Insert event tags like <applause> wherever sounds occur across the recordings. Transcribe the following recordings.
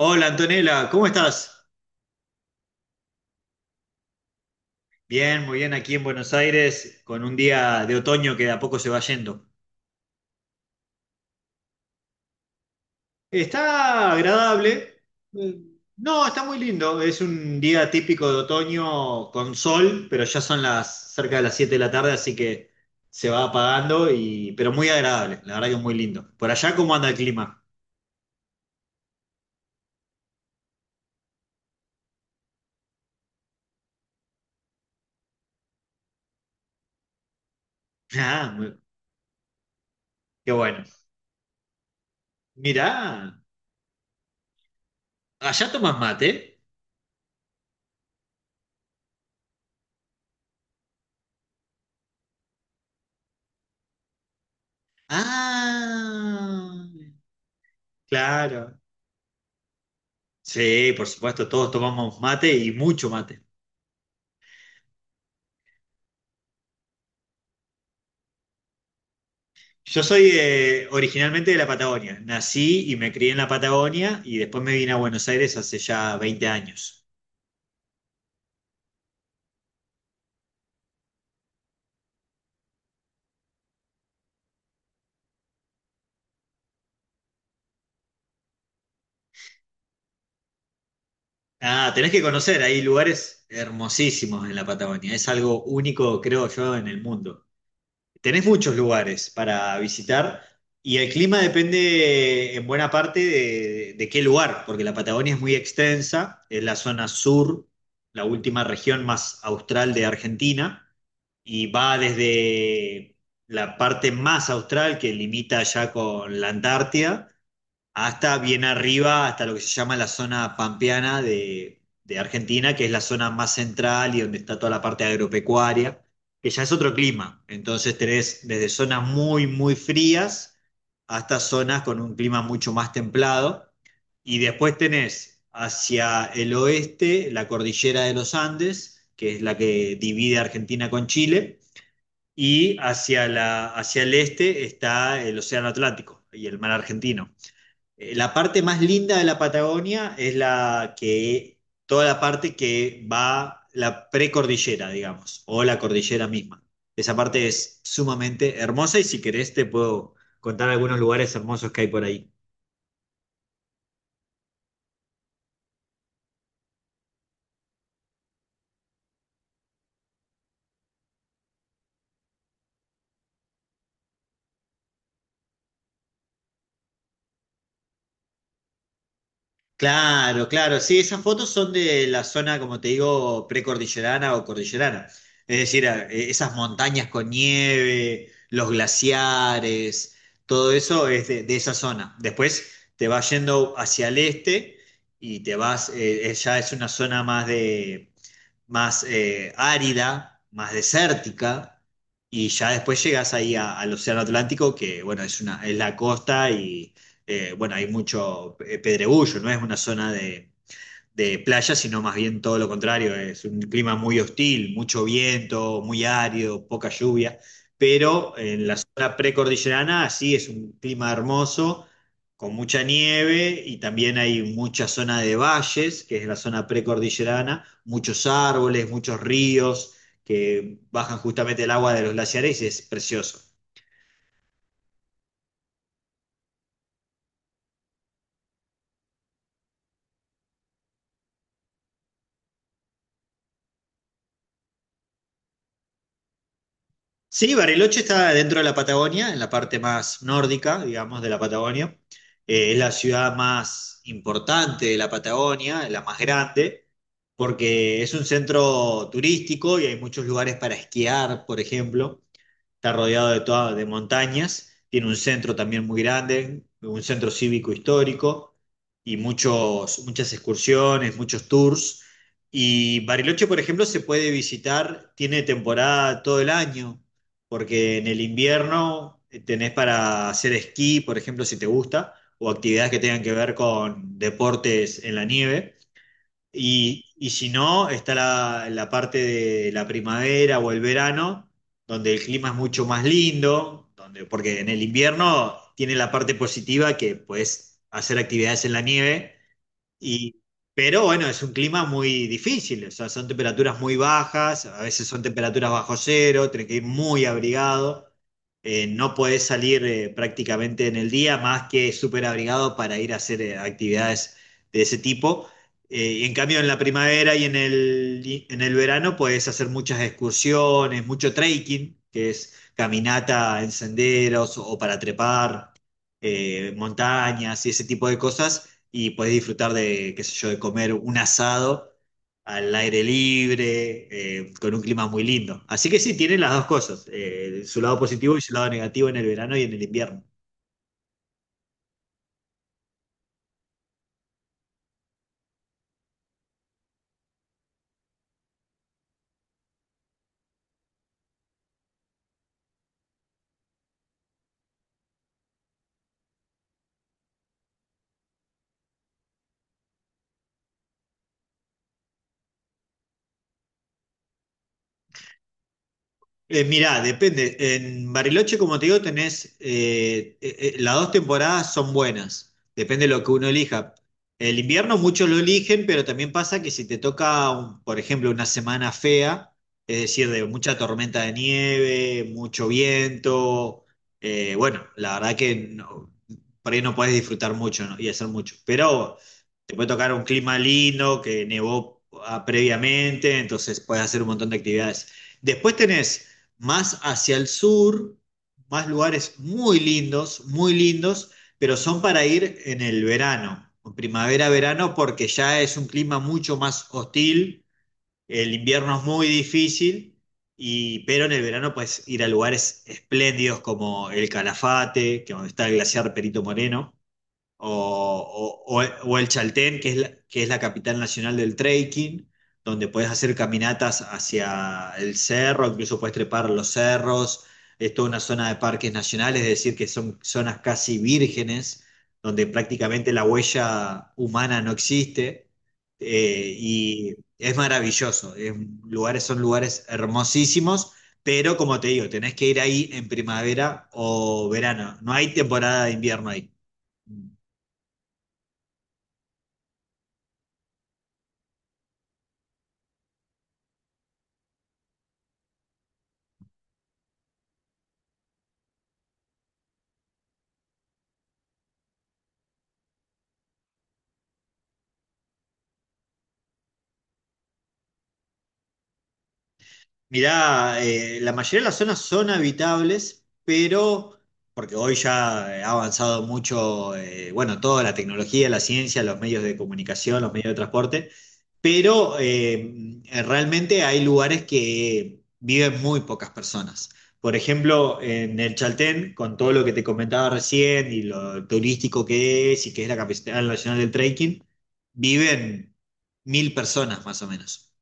Hola Antonella, ¿cómo estás? Bien, muy bien aquí en Buenos Aires, con un día de otoño que de a poco se va yendo. Está agradable. eh, No, está muy lindo. Es un día típico de otoño con sol, pero ya son las cerca de las 7 de la tarde, así que se va apagando y pero muy agradable, la verdad que muy lindo. Por allá, ¿cómo anda el clima? <laughs> Ah, muy- qué bueno. Mirá, allá tomas mate. Ah, claro. Sí, por supuesto, todos tomamos mate y mucho mate. Yo soy originalmente de la Patagonia. Nací y me crié en la Patagonia y después me vine a Buenos Aires hace ya 20 años. Ah, tenés que conocer, hay lugares hermosísimos en la Patagonia. Es algo único, creo yo, en el mundo. Tenés muchos lugares para visitar y el clima depende en buena parte de qué lugar, porque la Patagonia es muy extensa, es la zona sur, la última región más austral de Argentina. Y va desde la parte más austral que limita ya con la Antártida hasta bien arriba, hasta lo que se llama la zona pampeana de Argentina, que es la zona más central y donde está toda la parte agropecuaria, que ya es otro clima. Entonces tenés desde zonas muy frías hasta zonas con un clima mucho más templado. Y después tenés hacia el oeste la cordillera de los Andes, que es la que divide Argentina con Chile y hacia el este está el Océano Atlántico y el mar argentino. La parte más linda de la Patagonia es toda la parte que va la precordillera, digamos, o la cordillera misma. Esa parte es sumamente hermosa y si querés te puedo contar algunos lugares hermosos que hay por ahí. Claro, claro, sí, esas fotos son de la zona, como te digo, precordillerana o cordillerana. Es decir, esas montañas con nieve, los glaciares, todo eso es de esa zona. Después te vas yendo hacia el este y te vas, ya es una zona más más árida, más desértica, y ya después llegas ahí al Océano Atlántico, que bueno, es una, es la costa y bueno, hay mucho pedregullo, no es una zona de playa, sino más bien todo lo contrario, es un clima muy hostil, mucho viento, muy árido, poca lluvia, pero en la zona precordillerana sí es un clima hermoso, con mucha nieve y también hay mucha zona de valles, que es la zona precordillerana, muchos árboles, muchos ríos que bajan justamente el agua de los glaciares y es precioso. Sí, Bariloche está dentro de la Patagonia, en la parte más nórdica, digamos, de la Patagonia. Es la ciudad más importante de la Patagonia, la más grande, porque es un centro turístico y hay muchos lugares para esquiar, por ejemplo está rodeado de todas de montañas, tiene un centro también muy grande, un centro cívico histórico y muchas excursiones, muchos tours. Y Bariloche, por ejemplo, se puede visitar, tiene temporada todo el año, porque en el invierno tenés para hacer esquí, por ejemplo, si te gusta, o actividades que tengan que ver con deportes en la nieve. Y si no, está la parte de la primavera o el verano, donde el clima es mucho más lindo, donde, porque en el invierno tiene la parte positiva que puedes hacer actividades en la nieve y, pero bueno, es un clima muy difícil, o sea, son temperaturas muy bajas, a veces son temperaturas bajo cero, tenés que ir muy abrigado, no podés salir prácticamente en el día más que súper abrigado para ir a hacer actividades de ese tipo. Y en cambio en la primavera y en el verano podés hacer muchas excursiones, mucho trekking, que es caminata en senderos o para trepar montañas y ese tipo de cosas y podés disfrutar de, qué sé yo, de comer un asado al aire libre, con un clima muy lindo. Así que sí, tiene las dos cosas, su lado positivo y su lado negativo en el verano y en el invierno. Mirá, depende. En Bariloche, como te digo, tenés, las dos temporadas son buenas. Depende de lo que uno elija. El invierno muchos lo eligen, pero también pasa que si te toca, por ejemplo, una semana fea, es decir, de mucha tormenta de nieve, mucho viento, bueno, la verdad que no- por ahí no podés disfrutar mucho, ¿no? Y hacer mucho. Pero te puede tocar un clima lindo, que nevó previamente, entonces puedes hacer un montón de actividades. Después tenés más hacia el sur, más lugares muy lindos, pero son para ir en el verano, en primavera-verano, porque ya es un clima mucho más hostil, el invierno es muy difícil, y, pero en el verano puedes ir a lugares espléndidos como el Calafate, que donde está el glaciar Perito Moreno o, o el Chaltén, que es la capital nacional del trekking, donde puedes hacer caminatas hacia el cerro, incluso puedes trepar los cerros, es toda una zona de parques nacionales, es decir, que son zonas casi vírgenes, donde prácticamente la huella humana no existe, y es maravilloso, es lugares, son lugares hermosísimos. Pero como te digo, tenés que ir ahí en primavera o verano. No hay temporada de invierno ahí. Mirá, la mayoría de las zonas son habitables, pero porque hoy ya ha avanzado mucho, bueno, toda la tecnología, la ciencia, los medios de comunicación, los medios de transporte, pero realmente hay lugares que viven muy pocas personas. Por ejemplo, en el Chaltén, con todo lo que te comentaba recién y lo turístico que es y que es la capital nacional del trekking, viven 1.000 personas más o menos.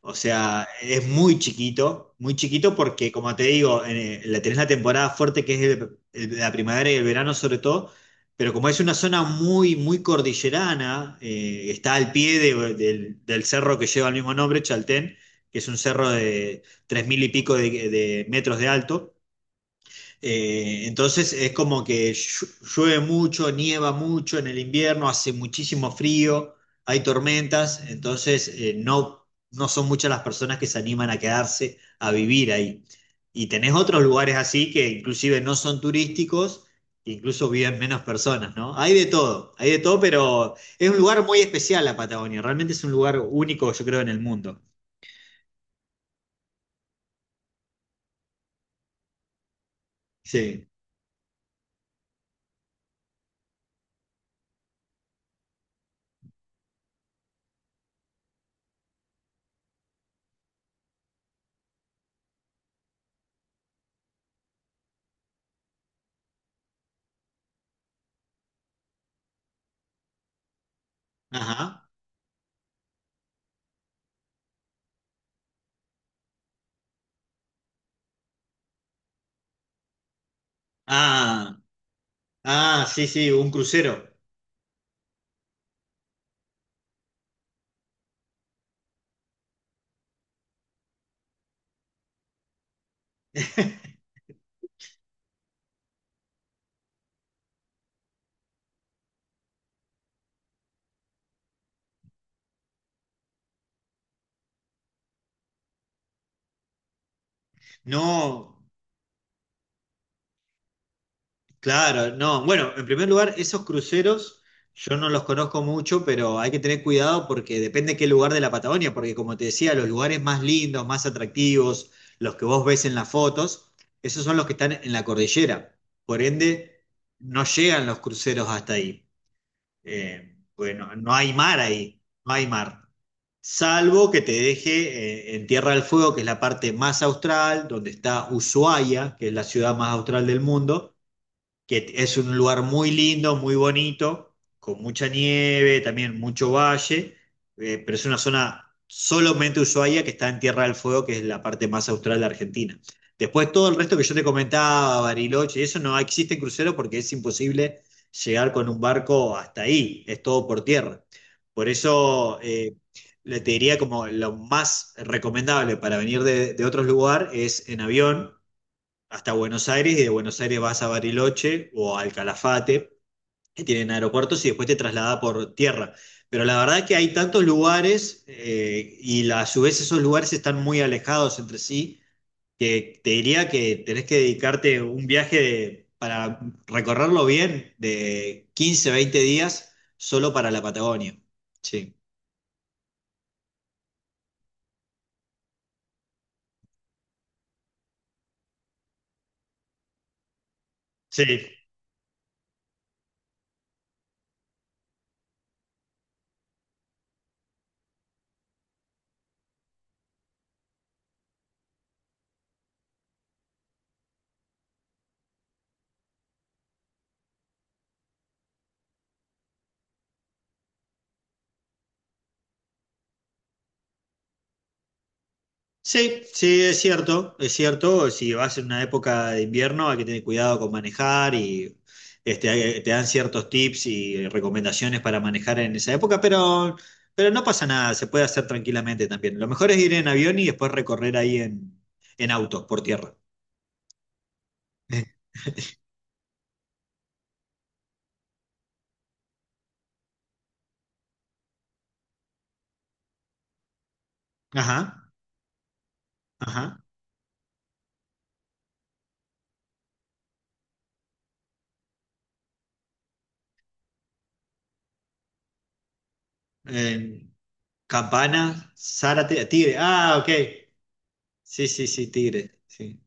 O sea, es muy chiquito porque, como te digo, tenés la temporada fuerte que es la primavera y el verano sobre todo, pero como es una zona muy, muy cordillerana, está al pie del cerro que lleva el mismo nombre, Chaltén, que es un cerro de 3.000 y pico de metros de alto. Entonces es como que llueve mucho, nieva mucho en el invierno, hace muchísimo frío, hay tormentas, entonces no son muchas las personas que se animan a quedarse a vivir ahí. Y tenés otros lugares así que inclusive no son turísticos, incluso viven menos personas, ¿no? Hay de todo, pero es un lugar muy especial la Patagonia, realmente es un lugar único, yo creo, en el mundo. Sí. Ajá. Ah, ah, sí, sí, un crucero. <laughs> No, claro, no. Bueno, en primer lugar, esos cruceros yo no los conozco mucho, pero hay que tener cuidado porque depende qué lugar de la Patagonia, porque como te decía, los lugares más lindos, más atractivos, los que vos ves en las fotos, esos son los que están en la cordillera. Por ende, no llegan los cruceros hasta ahí. Bueno, no hay mar ahí, no hay mar. Salvo que te deje en Tierra del Fuego, que es la parte más austral, donde está Ushuaia, que es la ciudad más austral del mundo, que es un lugar muy lindo, muy bonito, con mucha nieve, también mucho valle, pero es una zona solamente Ushuaia que está en Tierra del Fuego, que es la parte más austral de Argentina. Después todo el resto que yo te comentaba, Bariloche, y eso no existe crucero porque es imposible llegar con un barco hasta ahí, es todo por tierra. Por eso le te diría como lo más recomendable para venir de otros lugares es en avión hasta Buenos Aires y de Buenos Aires vas a Bariloche o al Calafate, que tienen aeropuertos, y después te traslada por tierra. Pero la verdad que hay tantos lugares y a su vez esos lugares están muy alejados entre sí, que te diría que tenés que dedicarte un viaje para recorrerlo bien de 15 a 20 días solo para la Patagonia. Sí. Sí. Sí, sí, es cierto, es cierto. Si vas en una época de invierno hay que tener cuidado con manejar y este, te dan ciertos tips y recomendaciones para manejar en esa época, pero no pasa nada, se puede hacer tranquilamente también. Lo mejor es ir en avión y después recorrer ahí en auto, por tierra. <laughs> Eh, Ajá, ajá. En Campana, Zárate, Tigre. Ah, ok. Sí, sí, sí, Tigre. Sí.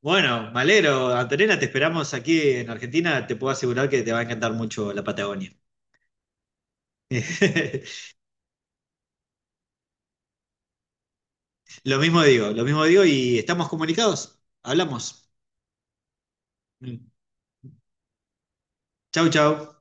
Bueno, me alegro, Antonella, te esperamos aquí en Argentina. Te puedo asegurar que te va a encantar mucho la Patagonia. <laughs> Lo mismo digo y estamos comunicados. Hablamos. Chau, chau.